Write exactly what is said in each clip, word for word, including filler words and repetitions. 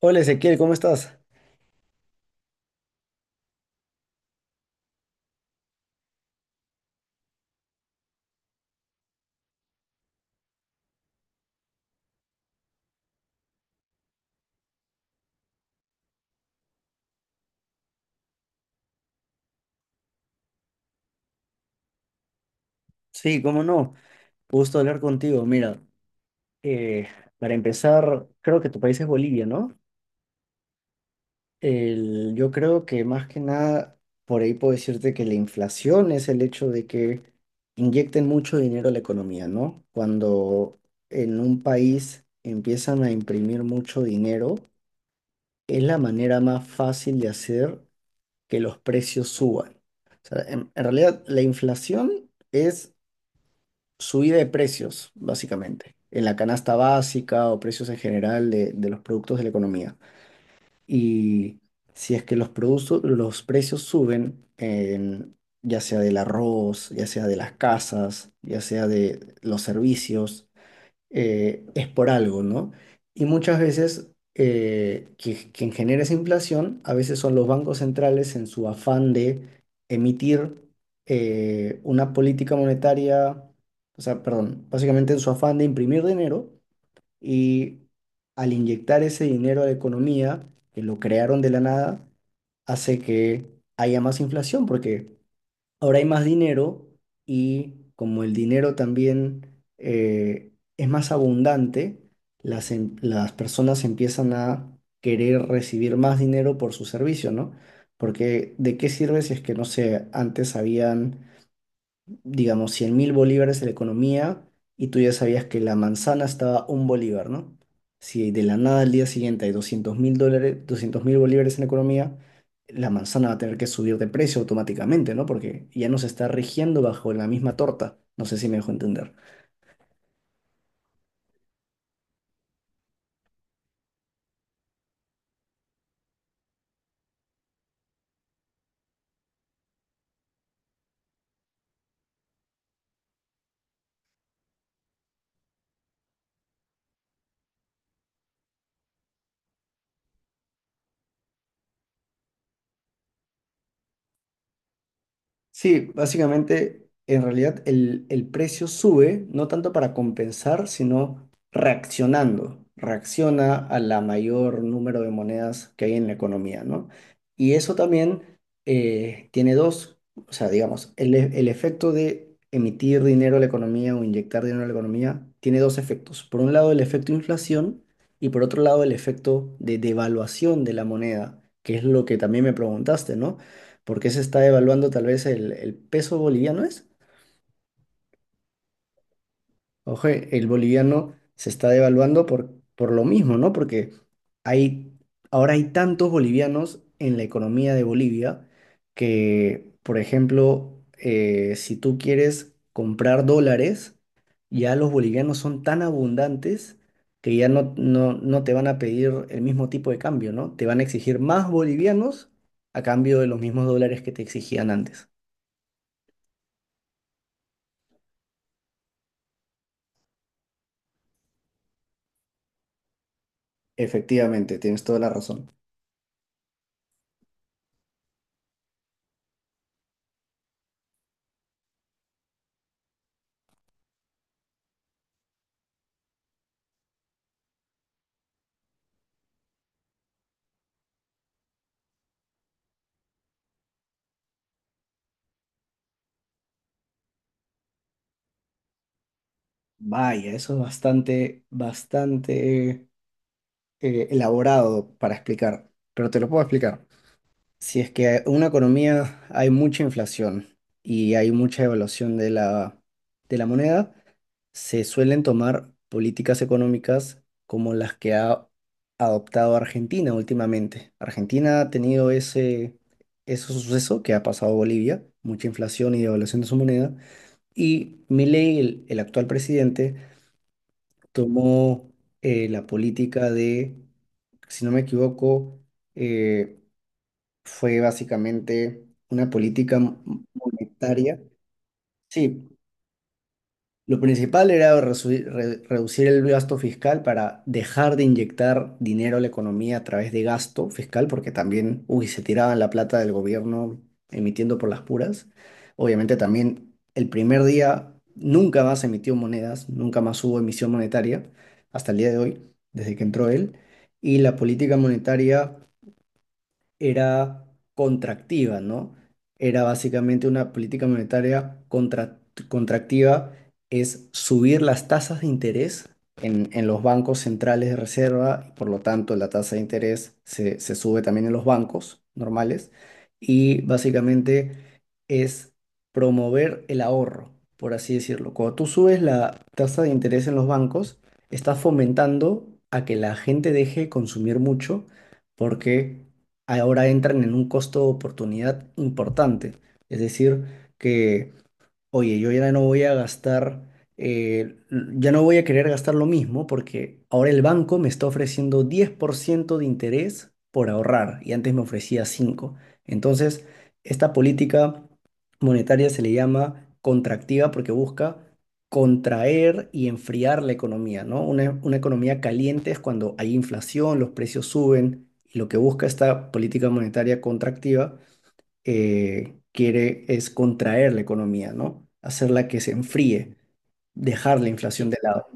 Hola Ezequiel, ¿cómo estás? Sí, cómo no. Gusto hablar contigo. Mira, eh, para empezar, creo que tu país es Bolivia, ¿no? El- yo creo que más que nada, por ahí puedo decirte que la inflación es el hecho de que inyecten mucho dinero a la economía, ¿no? Cuando en un país empiezan a imprimir mucho dinero, es la manera más fácil de hacer que los precios suban. O sea, en en realidad, la inflación es subida de precios, básicamente, en la canasta básica o precios en general de, de los productos de la economía. Y si es que los productos, los precios suben, en, ya sea del arroz, ya sea de las casas, ya sea de los servicios, eh, es por algo, ¿no? Y muchas veces eh, qui- quien genera esa inflación, a veces son los bancos centrales en su afán de emitir eh, una política monetaria, o sea, perdón, básicamente en su afán de imprimir dinero y al inyectar ese dinero a la economía, que lo crearon de la nada, hace que haya más inflación porque ahora hay más dinero y como el dinero también eh, es más abundante, las, em- las personas empiezan a querer recibir más dinero por su servicio, ¿no? Porque ¿de qué sirve si es que, no sé, antes habían digamos, cien mil bolívares en la economía y tú ya sabías que la manzana estaba un bolívar, ¿no? Si de la nada al día siguiente hay doscientos mil dólares, doscientos mil bolívares en la economía, la manzana va a tener que subir de precio automáticamente, ¿no? Porque ya no se está rigiendo bajo la misma torta. No sé si me dejo entender. Sí, básicamente, en realidad el, el precio sube, no tanto para compensar, sino reaccionando. Reacciona a la mayor número de monedas que hay en la economía, ¿no? Y eso también eh, tiene dos, o sea, digamos, el, e- el efecto de emitir dinero a la economía o inyectar dinero a la economía tiene dos efectos. Por un lado, el efecto inflación y por otro lado, el efecto de devaluación de la moneda, que es lo que también me preguntaste, ¿no? Porque se está devaluando tal vez el, el peso boliviano, ¿es? Ojo, el boliviano se está devaluando por, por lo mismo, ¿no? Porque hay, ahora hay tantos bolivianos en la economía de Bolivia que, por ejemplo, eh, si tú quieres comprar dólares, ya los bolivianos son tan abundantes que ya no, no, no te van a pedir el mismo tipo de cambio, ¿no? Te van a exigir más bolivianos a cambio de los mismos dólares que te exigían antes. Efectivamente, tienes toda la razón. Vaya, eso es bastante, bastante eh, elaborado para explicar, pero te lo puedo explicar. Si es que en una economía hay mucha inflación y hay mucha evaluación de la, de la moneda, se suelen tomar políticas económicas como las que ha adoptado Argentina últimamente. Argentina ha tenido ese, ese suceso que ha pasado a Bolivia, mucha inflación y devaluación de su moneda. Y Milei, el, el actual presidente, tomó eh, la política de, si no me equivoco, eh, fue básicamente una política monetaria. Sí, lo principal era resu- re- reducir el gasto fiscal para dejar de inyectar dinero a la economía a través de gasto fiscal, porque también, uy, se tiraban la plata del gobierno emitiendo por las puras. Obviamente también el primer día nunca más emitió monedas, nunca más hubo emisión monetaria hasta el día de hoy, desde que entró él. Y la política monetaria era contractiva, ¿no? Era básicamente una política monetaria contra- contractiva, es subir las tasas de interés en, en los bancos centrales de reserva, por lo tanto la tasa de interés se, se sube también en los bancos normales y básicamente es promover el ahorro, por así decirlo. Cuando tú subes la tasa de interés en los bancos, estás fomentando a que la gente deje de consumir mucho porque ahora entran en un costo de oportunidad importante. Es decir, que oye, yo ya no voy a gastar, eh, l- ya no voy a querer gastar lo mismo porque ahora el banco me está ofreciendo diez por ciento de interés por ahorrar y antes me ofrecía cinco por ciento. Entonces, esta política monetaria se le llama contractiva porque busca contraer y enfriar la economía, ¿no? Una, una economía caliente es cuando hay inflación, los precios suben y lo que busca esta política monetaria contractiva eh, quiere es contraer la economía, ¿no? Hacerla que se enfríe, dejar la inflación de lado.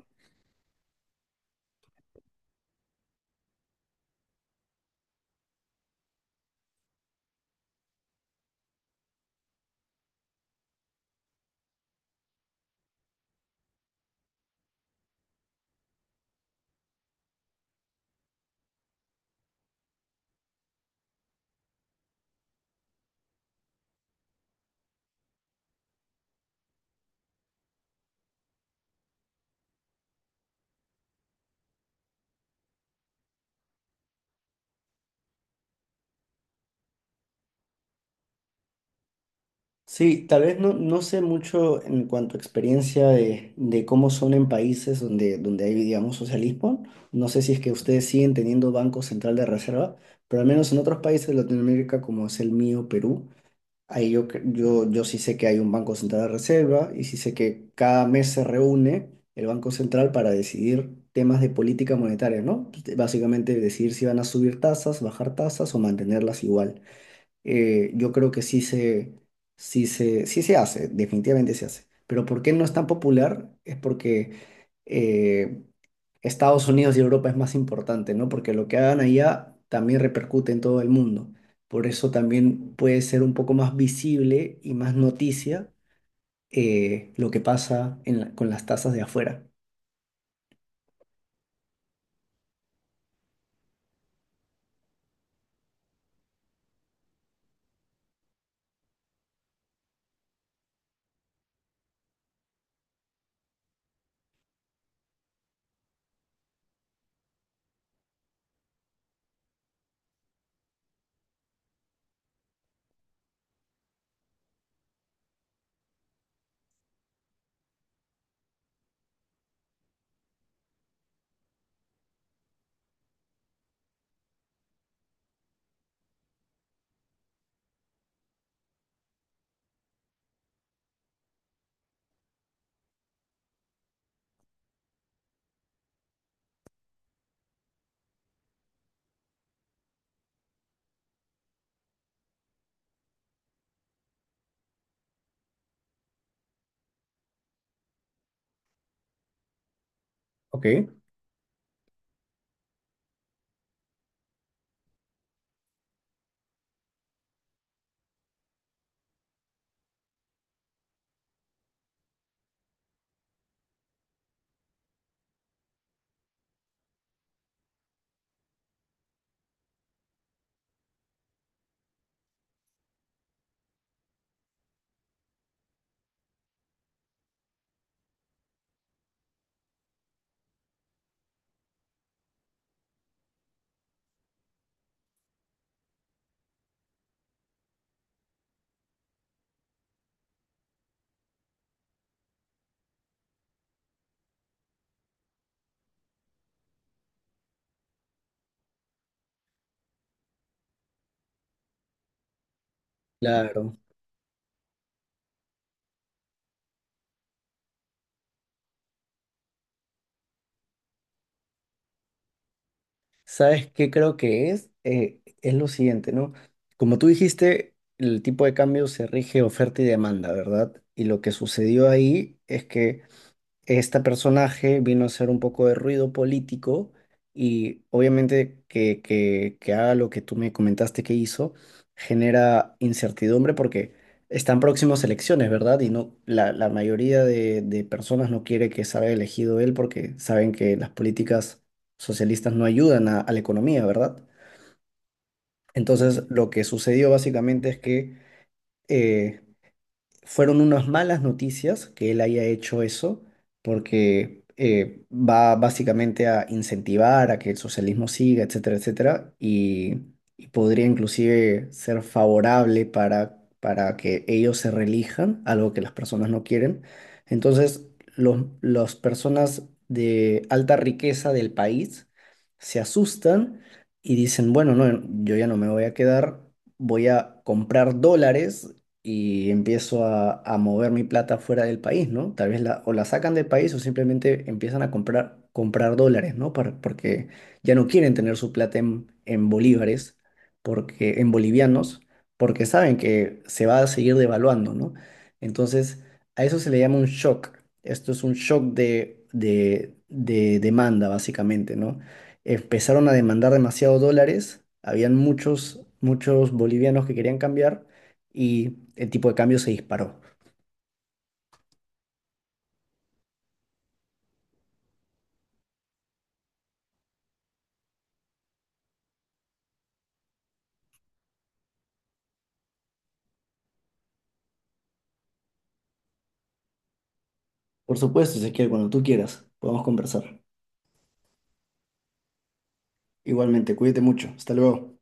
Sí, tal vez no, no sé mucho en cuanto a experiencia de, de cómo son en países donde, donde hay, digamos, socialismo. No sé si es que ustedes siguen teniendo Banco Central de Reserva, pero al menos en otros países de Latinoamérica, como es el mío, Perú, ahí yo, cre- yo, yo sí sé que hay un Banco Central de Reserva y sí sé que cada mes se reúne el Banco Central para decidir temas de política monetaria, ¿no? Básicamente decidir si van a subir tasas, bajar tasas o mantenerlas igual. Eh, yo creo que sí se, sí se, sí se hace, definitivamente se hace. Pero ¿por qué no es tan popular? Es porque eh, Estados Unidos y Europa es más importante, ¿no? Porque lo que hagan allá también repercute en todo el mundo. Por eso también puede ser un poco más visible y más noticia eh, lo que pasa en la- con las tasas de afuera. Ok. Claro. ¿Sabes qué creo que es? Eh, es lo siguiente, ¿no? Como tú dijiste, el tipo de cambio se rige oferta y demanda, ¿verdad? Y lo que sucedió ahí es que este personaje vino a hacer un poco de ruido político y obviamente que, que, que haga lo que tú me comentaste que hizo genera incertidumbre porque están próximas elecciones, ¿verdad? Y no, la, la mayoría de, de personas no quiere que salga elegido él porque saben que las políticas socialistas no ayudan a, a la economía, ¿verdad? Entonces, lo que sucedió básicamente es que... eh, fueron unas malas noticias que él haya hecho eso, porque eh, va básicamente a incentivar a que el socialismo siga, etcétera, etcétera, y, y podría inclusive ser favorable para, para que ellos se reelijan, algo que las personas no quieren. Entonces, los, las personas de alta riqueza del país se asustan y dicen, bueno, no, yo ya no me voy a quedar, voy a comprar dólares y empiezo a, a mover mi plata fuera del país, ¿no? Tal vez la, o la sacan del país o simplemente empiezan a comprar, comprar dólares, ¿no? Para- porque ya no quieren tener su plata en, en bolívares, porque, en bolivianos, porque saben que se va a seguir devaluando, ¿no? Entonces, a eso se le llama un shock. Esto es un shock de, de, de demanda, básicamente, ¿no? Empezaron a demandar demasiados dólares, habían muchos, muchos bolivianos que querían cambiar y el tipo de cambio se disparó. Por supuesto, Ezequiel, cuando tú quieras, podemos conversar. Igualmente, cuídate mucho. Hasta luego.